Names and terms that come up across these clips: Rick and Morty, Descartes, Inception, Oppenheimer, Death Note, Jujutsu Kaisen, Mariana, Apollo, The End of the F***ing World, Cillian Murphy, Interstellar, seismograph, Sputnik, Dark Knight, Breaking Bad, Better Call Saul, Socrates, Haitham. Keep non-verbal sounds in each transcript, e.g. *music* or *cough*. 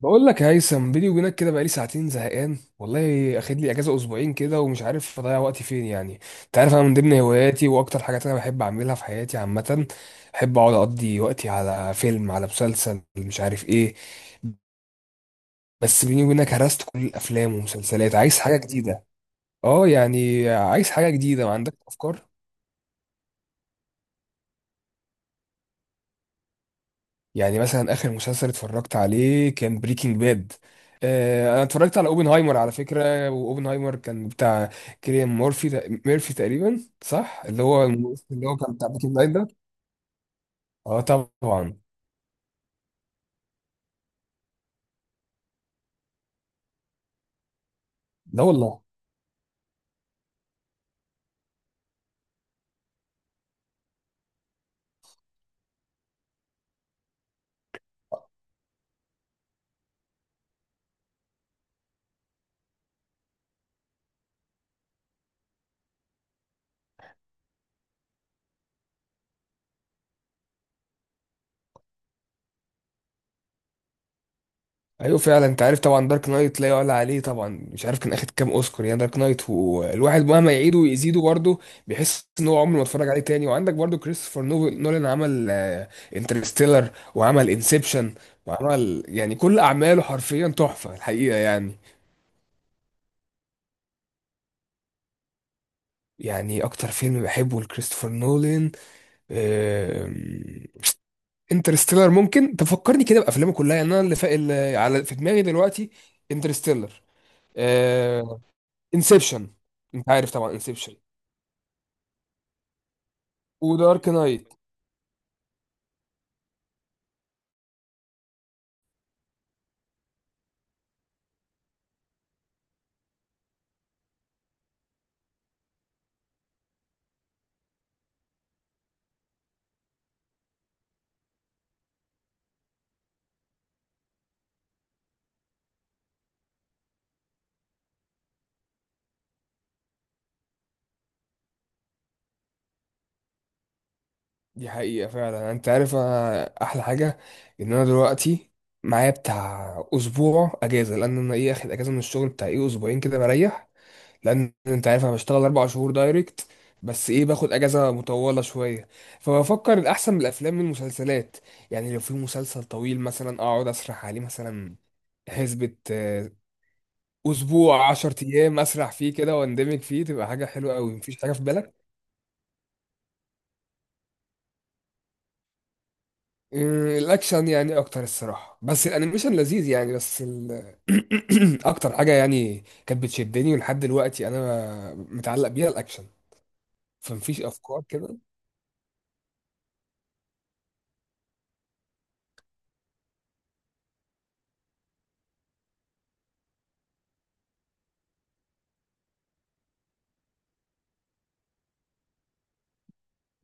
بقول لك يا هيثم، بيني وبينك كده بقالي ساعتين زهقان والله، اخد لي اجازه اسبوعين كده ومش عارف اضيع وقتي فين يعني. انت عارف انا من ضمن هواياتي واكتر حاجات انا بحب اعملها في حياتي عامه، بحب اقعد اقضي وقتي على فيلم، على مسلسل، مش عارف ايه. بس بيني وبينك هرست كل الافلام ومسلسلات، عايز حاجه جديده. اه يعني عايز حاجه جديده، ما عندك افكار. يعني مثلا اخر مسلسل اتفرجت عليه كان بريكنج باد. آه انا اتفرجت على اوبنهايمر على فكره، واوبنهايمر كان بتاع كيليان ميرفي تقريبا، صح، اللي هو اللي هو كان بتاع بريكنج باد ده. اه طبعا. لا والله. ايوه فعلا، انت عارف طبعا دارك نايت لا يعلى عليه طبعا، مش عارف كان اخد كام اوسكار يعني دارك نايت، والواحد مهما يعيده ويزيده برضه بيحس ان هو عمره ما اتفرج عليه تاني. وعندك برضه كريستوفر نولان عمل انترستيلر، وعمل انسبشن، وعمل يعني كل اعماله حرفيا تحفه الحقيقه يعني. يعني اكتر فيلم بحبه لكريستوفر نولان انترستيلر. ممكن تفكرني كده بافلامه كلها يعني، انا اللي على في دماغي دلوقتي انترستيلر، انسبشن، انت عارف طبعا انسبشن، ودارك نايت. دي حقيقة فعلا، انت عارف انا احلى حاجة ان انا دلوقتي معايا بتاع اسبوع اجازة، لان انا ايه، اخد اجازة من الشغل بتاع ايه اسبوعين كده بريح، لان انت عارف انا بشتغل اربع شهور دايركت، بس ايه باخد اجازة مطولة شوية. فبفكر الاحسن من الافلام من المسلسلات، يعني لو في مسلسل طويل مثلا اقعد اسرح عليه مثلا، حسبة اسبوع عشر ايام اسرح فيه كده واندمج فيه، تبقى حاجة حلوة قوي. مفيش حاجة في بالك؟ الاكشن يعني اكتر الصراحه، بس الانيميشن لذيذ يعني، بس *clears throat* اكتر حاجه يعني كانت بتشدني ولحد دلوقتي انا متعلق بيها الاكشن. فمفيش افكار كده.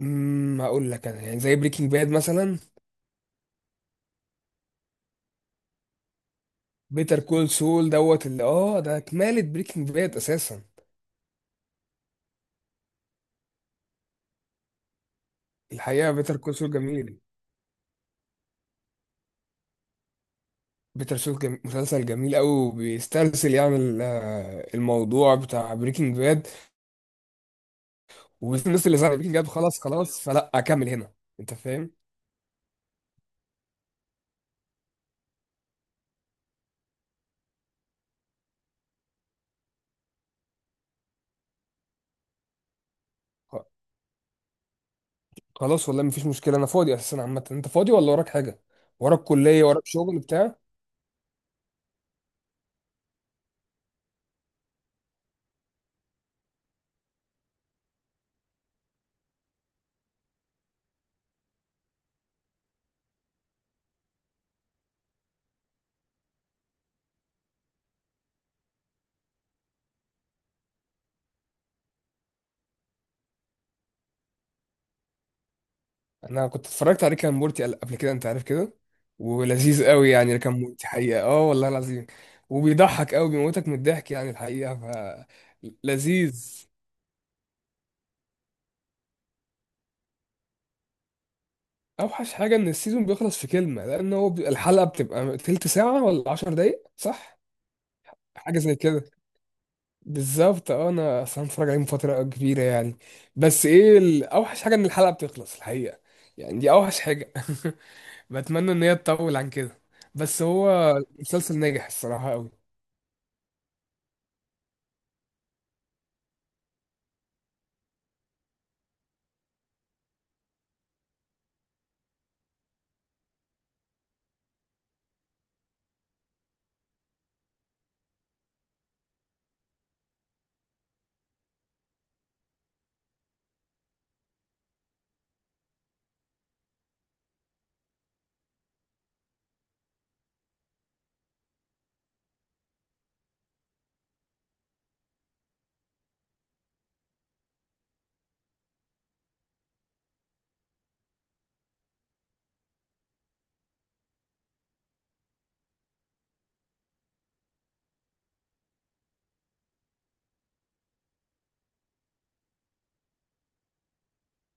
هقول لك انا يعني زي بريكنج باد مثلا. بيتر كول سول دوت، اللي اه ده كمالة بريكنج باد اساسا. الحقيقه بيتر كول سول جميل، مسلسل جميل قوي، بيسترسل يعني الموضوع بتاع بريكنج باد، والناس اللي زعلت بريكنج باد خلاص خلاص فلا اكمل هنا، انت فاهم. خلاص والله مفيش مشكله، انا فاضي اساسا عامه. انت فاضي ولا وراك حاجه؟ وراك كليه، وراك شغل بتاع؟ انا كنت اتفرجت عليه كان مورتي قبل كده، انت عارف كده، ولذيذ قوي يعني كان مورتي حقيقه، اه والله العظيم، وبيضحك قوي، بيموتك من الضحك يعني الحقيقه، ف لذيذ. اوحش حاجه ان السيزون بيخلص في كلمه، لان هو الحلقه بتبقى تلت ساعه ولا 10 دقايق، صح، حاجه زي كده. بالظبط اه، انا اصلا اتفرج عليه من فتره كبيره يعني، بس ايه اوحش حاجه ان الحلقه بتخلص الحقيقه، يعني دي اوحش حاجه. *laughs* بتمنى ان هي تطول عن كده، بس هو المسلسل ناجح الصراحه قوي.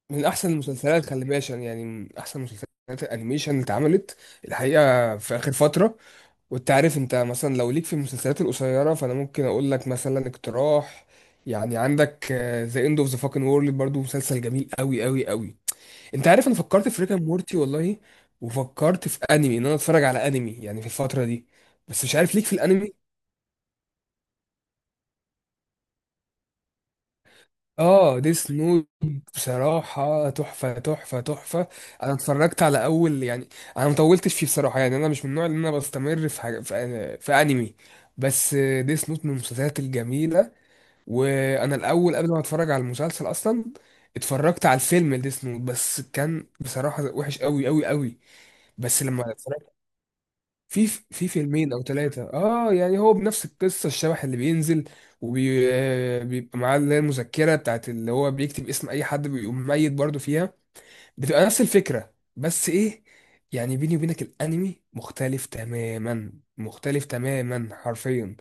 من احسن المسلسلات، خلي بالك، عشان يعني من احسن مسلسلات الانيميشن اللي اتعملت الحقيقه في اخر فتره. وانت عارف انت مثلا لو ليك في المسلسلات القصيره، فانا ممكن اقول لك مثلا اقتراح. يعني عندك ذا اند اوف ذا فاكن وورلد برضو، مسلسل جميل قوي قوي قوي. انت عارف انا فكرت في ريكا مورتي والله، وفكرت في انمي ان انا اتفرج على انمي يعني في الفتره دي، بس مش عارف ليك في الانمي. اه ديس نوت، بصراحه تحفه تحفه تحفه. انا اتفرجت على اول يعني، انا مطولتش فيه بصراحه يعني، انا مش من النوع اللي انا بستمر في حاجه في انمي، بس ديس نوت من المسلسلات الجميله. وانا الاول قبل ما اتفرج على المسلسل اصلا اتفرجت على الفيلم ديس نوت، بس كان بصراحه وحش قوي قوي قوي. بس لما اتفرجت، في فيلمين او ثلاثه اه، يعني هو بنفس القصه، الشبح اللي بينزل وبيبقى معاه اللي هي المذكره بتاعت اللي هو بيكتب اسم اي حد بيقوم ميت برضه فيها، بتبقى نفس الفكره، بس ايه، يعني بيني وبينك الانمي مختلف تماما، مختلف تماما حرفيا.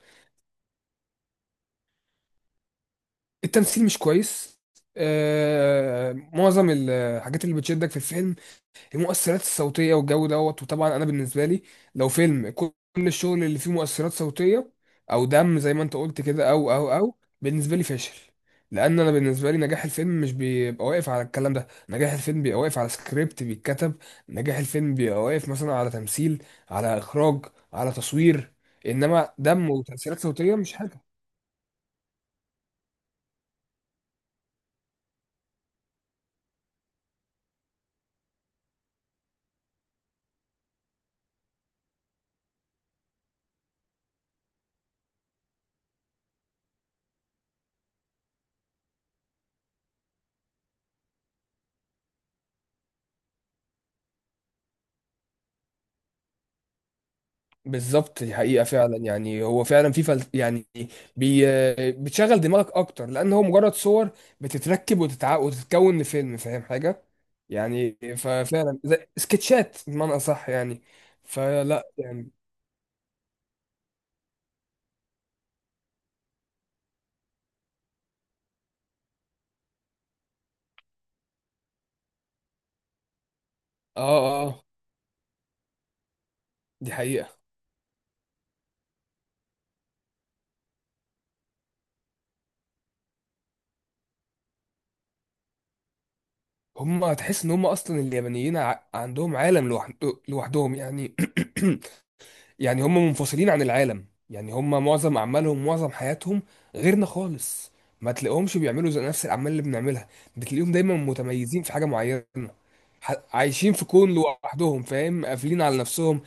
التمثيل مش كويس، آه معظم الحاجات اللي بتشدك في الفيلم المؤثرات الصوتيه والجو دوت، وطبعا انا بالنسبه لي لو فيلم كل الشغل اللي فيه مؤثرات صوتيه او دم زي ما انت قلت كده، او بالنسبه لي فاشل. لان انا بالنسبه لي نجاح الفيلم مش بيبقى واقف على الكلام ده، نجاح الفيلم بيبقى واقف على سكريبت بيتكتب، نجاح الفيلم بيبقى واقف مثلا على تمثيل، على اخراج، على تصوير، انما دم وتاثيرات صوتيه مش حاجه. بالظبط دي حقيقة فعلا، يعني هو فعلا في يعني بي... بتشغل دماغك أكتر، لأن هو مجرد صور بتتركب وتتكون لفيلم، فاهم حاجة؟ يعني ففعلا زي سكتشات بمعنى أصح يعني. فلا يعني آه آه آه، دي حقيقة. هم تحس إن هم أصلا اليابانيين عندهم عالم لوحدهم يعني. *clears throat* يعني هم منفصلين عن العالم، يعني هم معظم اعمالهم معظم حياتهم غيرنا خالص، ما تلاقيهمش بيعملوا زي نفس الاعمال اللي بنعملها، بتلاقيهم دايما متميزين في حاجه معينه، عايشين في كون لوحدهم، فاهم، قافلين على نفسهم.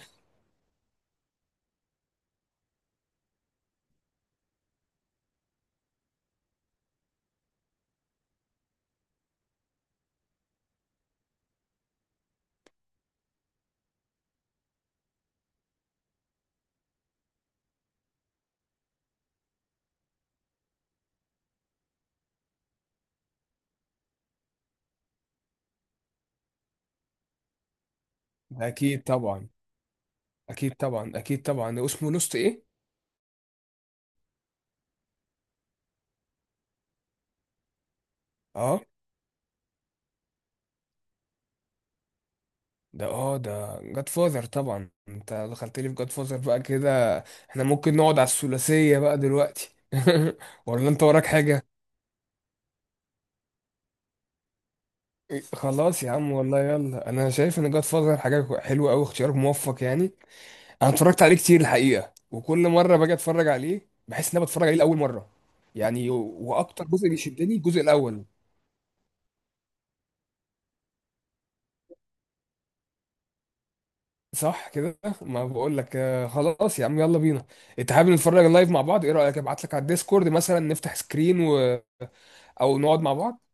ده اكيد طبعا. اكيد طبعا اكيد طبعا، اسمه لوست ايه؟ اه ده، اه ده جاد فاذر طبعا، انت دخلت لي في جاد فاذر بقى كده، احنا ممكن نقعد على الثلاثيه بقى دلوقتي. *laughs* ولا انت وراك حاجه؟ إيه، خلاص يا عم والله يلا، انا شايف ان جاد فازر حاجه حلوه قوي، اختيار موفق يعني. انا اتفرجت عليه كتير الحقيقه، وكل مره باجي اتفرج عليه بحس ان انا بتفرج عليه لاول مره يعني. واكتر جزء بيشدني الجزء الاول. صح كده، ما بقول لك، خلاص يا عم يلا بينا. انت حابب نتفرج لايف مع بعض؟ ايه رايك ابعت لك على الديسكورد مثلا نفتح سكرين او نقعد مع بعض.